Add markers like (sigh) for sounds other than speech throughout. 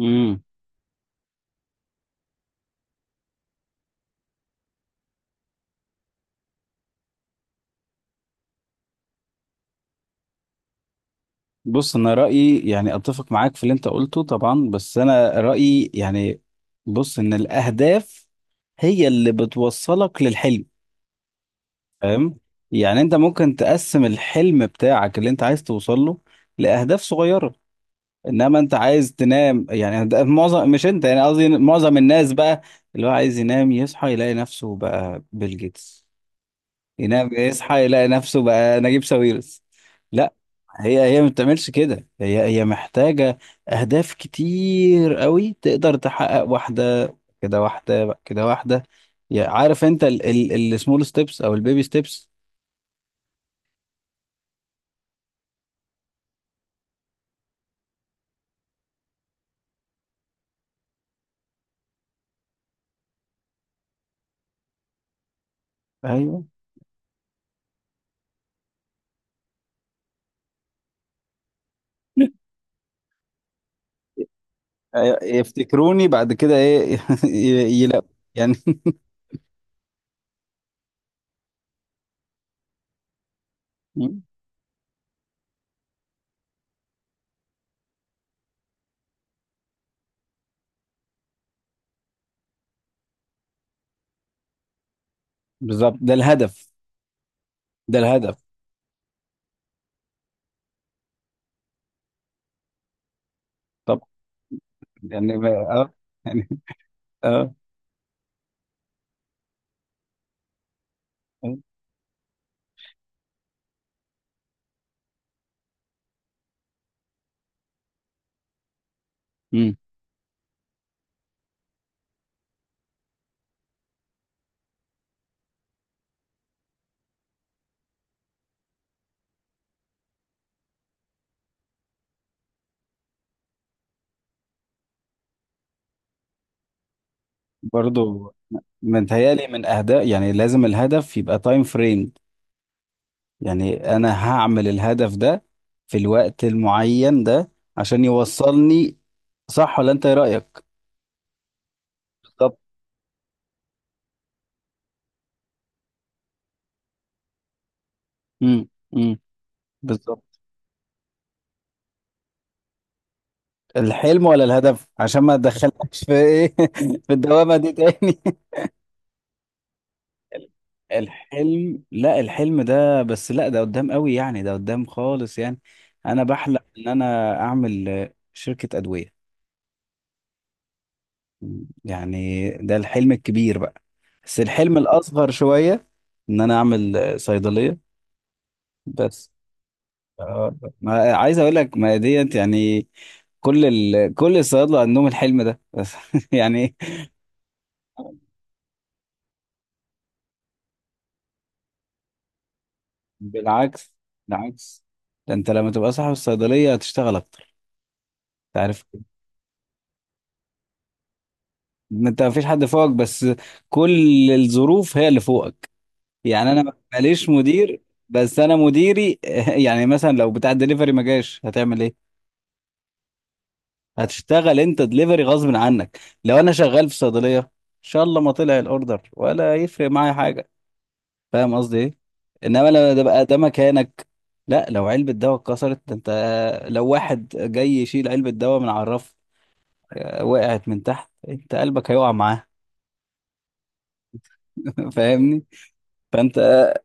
امم بص، انا رايي، اتفق معاك في اللي انت قلته طبعا، بس انا رايي بص ان الاهداف هي اللي بتوصلك للحلم. فاهم يعني؟ انت ممكن تقسم الحلم بتاعك اللي انت عايز توصل له لاهداف صغيره. انما انت عايز تنام، يعني ده معظم، مش انت يعني قصدي معظم الناس بقى اللي هو عايز ينام يصحى يلاقي نفسه بقى بيل جيتس، ينام يصحى يلاقي نفسه بقى نجيب ساويرس. لا، هي ما بتعملش كده، هي محتاجة أهداف كتير قوي. تقدر تحقق واحدة كده، واحدة كده، واحدة. عارف أنت السمول ستيبس أو البيبي ستيبس؟ أيوه. أيوة، يفتكروني بعد كده إيه (laughs) يلاقوا يعني. (laughs) بالظبط، ده الهدف. ده الهدف طبعا. يعني ما- اه يعني اه آه. مم. برضو، متهيألي من أهداف يعني لازم الهدف يبقى تايم فريم. يعني أنا هعمل الهدف ده في الوقت المعين ده عشان يوصلني. صح ولا أنت إيه رأيك؟ بالظبط. امم. امم. بالظبط. الحلم ولا الهدف؟ عشان ما تدخلكش في إيه (laughs) في الدوامة دي تاني. (laughs) الحلم. لا الحلم ده بس، لا ده قدام قوي يعني، ده قدام خالص يعني. أنا بحلم إن أنا أعمل، آه، شركة أدوية. يعني ده الحلم الكبير بقى، بس الحلم الأصغر شوية إن أنا أعمل، آه، صيدلية. بس، آه، ما عايز أقول لك ما ديت يعني، كل كل الصيادلة عندهم الحلم ده بس (laughs) يعني. بالعكس، بالعكس. ده أنت لما تبقى صاحب الصيدلية هتشتغل أكتر، أنت عارف. ما أنت مفيش حد فوقك، بس كل الظروف هي اللي فوقك. يعني أنا ماليش مدير، بس أنا مديري. (laughs) يعني مثلا لو بتاع الدليفري ما جاش هتعمل إيه؟ هتشتغل انت دليفري غصب عنك. لو انا شغال في صيدليه ان شاء الله ما طلع الاوردر ولا يفرق معايا حاجه. فاهم قصدي ايه؟ انما لما ده بقى ده مكانك، لا لو علبه دواء اتكسرت ده انت، لو واحد جاي يشيل علبه دواء من على الرف، آه، وقعت من تحت انت قلبك هيقع معاه. (laughs) فاهمني. فانت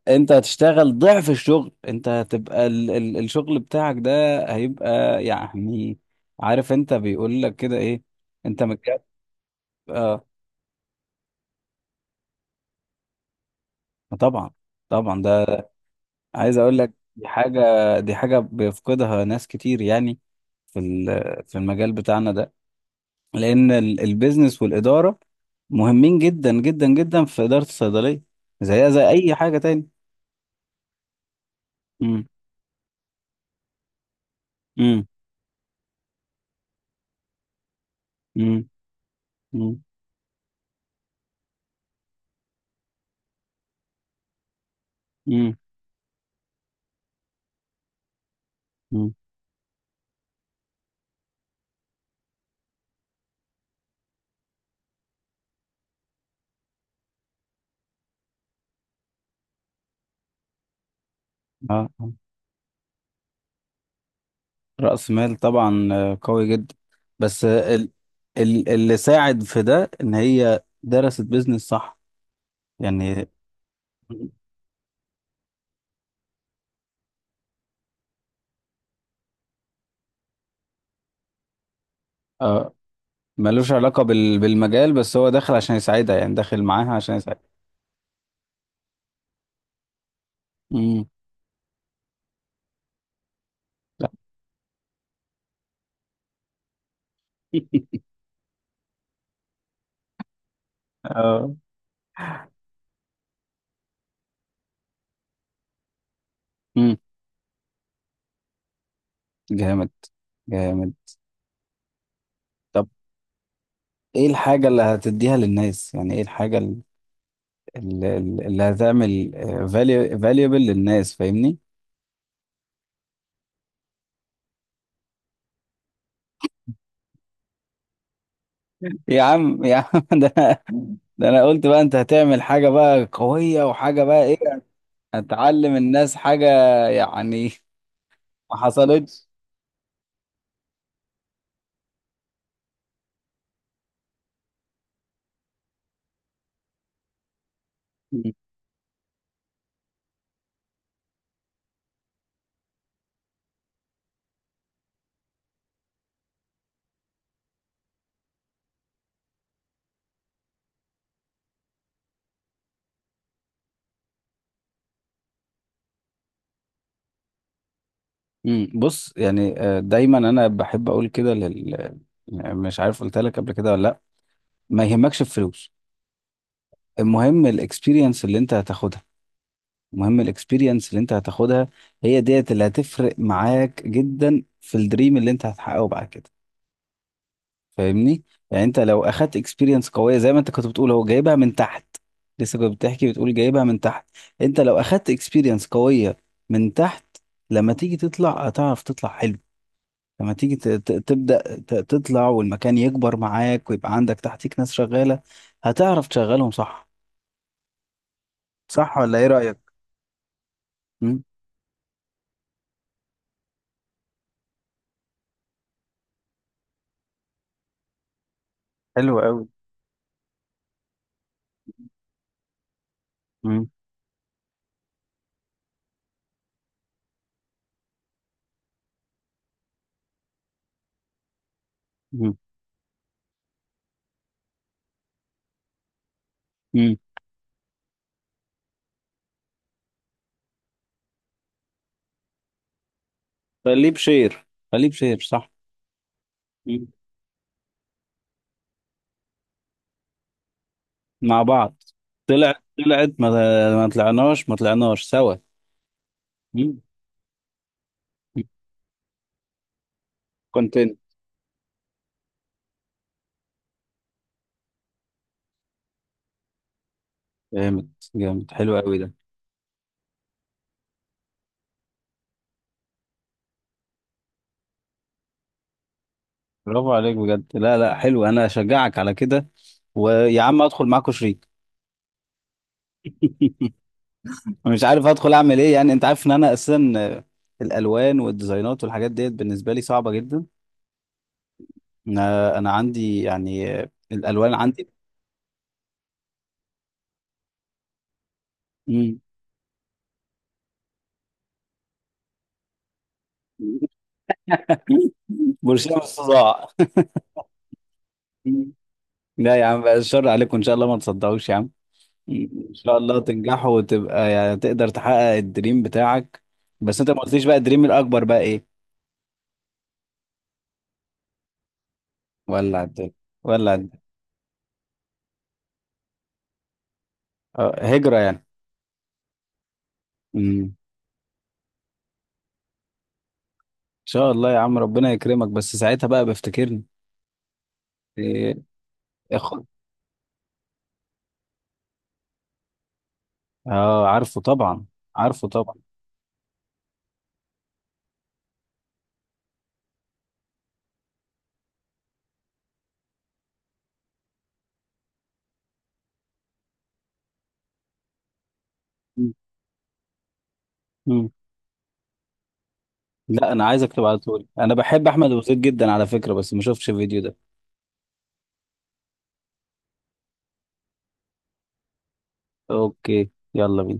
انت هتشتغل ضعف الشغل، انت هتبقى الشغل بتاعك ده هيبقى يعني، عارف انت بيقول لك كده ايه، انت متكافئ. طبعا، طبعا ده، عايز اقول لك دي حاجه. دي حاجه بيفقدها ناس كتير يعني في في المجال بتاعنا ده. لان البيزنس والاداره مهمين جدا جدا جدا في اداره الصيدليه، زيها زي اي حاجه تاني. امم امم امم امم امم أمم. اه، آه. راس مال طبعا، آه، قوي جدا. بس، آه، اللي ساعد في ده ان هي درست بيزنس، صح؟ يعني اه، ملوش علاقة بالمجال، بس هو داخل عشان يساعدها، يعني داخل معاها عشان يساعدها. امم. لا. (laughs) اه. امم. جامد، جامد. طب ايه الحاجة اللي هتديها للناس؟ يعني ايه الحاجة اللي هتعمل فاليوبل للناس؟ فاهمني. (laughs) يا عم، يا عم. (laughs) ده، ده انا قلت بقى انت هتعمل حاجة بقى قوية، وحاجة بقى ايه، هتعلم الناس حاجة يعني. (laughs) ما حصلتش. مم، بص يعني، آه، دايما انا بحب اقول كده لل، يعني مش عارف قلت لك قبل كده ولا لا، ما يهمكش الفلوس. المهم الاكسبيرينس اللي انت هتاخدها، المهم الاكسبيرينس اللي انت هتاخدها، هي ديت اللي هتفرق معاك جدا في الدريم اللي انت هتحققه بعد كده. فاهمني؟ يعني انت لو اخدت اكسبيرينس قويه، زي ما انت كنت بتقول هو جايبها من تحت، لسه كنت بتحكي بتقول جايبها من تحت، انت لو اخدت اكسبيرينس قويه من تحت، لما تيجي تطلع هتعرف تطلع حلو. لما تيجي تبدأ تطلع والمكان يكبر معاك ويبقى عندك تحتيك ناس شغالة، هتعرف تشغلهم صح. صح ولا ايه رأيك؟ مم. حلو قوي. مم. مم. مم. خليه بشير، خليه بشير، صح. مم. مع بعض. طلع، طلعت ما, ما طلعناش، ما طلعناش سوا. مم. مم. كونتنت. جامد، جامد، حلو قوي ده. برافو عليك بجد، لا لا حلو، انا اشجعك على كده. ويا عم ادخل معاكوا شريك. مش عارف ادخل اعمل ايه، يعني انت عارف ان انا اساسا، آه، الالوان والديزاينات والحاجات ديت بالنسبه لي صعبه جدا. انا انا عندي يعني، آه، الالوان عندي. مم. (laughs) برشام الصداع. مم. لا يا عم بقى، الشر عليكم، ان شاء الله ما تصدقوش يا عم. مم. ان شاء الله تنجحوا، وتبقى يعني تقدر تحقق الدريم بتاعك. بس انت ما قلتليش بقى الدريم الاكبر بقى ايه؟ ولا الدنيا، ولا الدنيا. آه، هجره يعني. مم. ان شاء الله يا عم، ربنا يكرمك، بس ساعتها بقى بفتكرني. إيه، خد. اه، عارفه طبعا. عارفه طبعا. مم. مم. لا انا عايزك تبعتهولي، انا بحب احمد وزيد جدا على فكرة، بس ما شفتش الفيديو ده. اوكي، يلا بينا.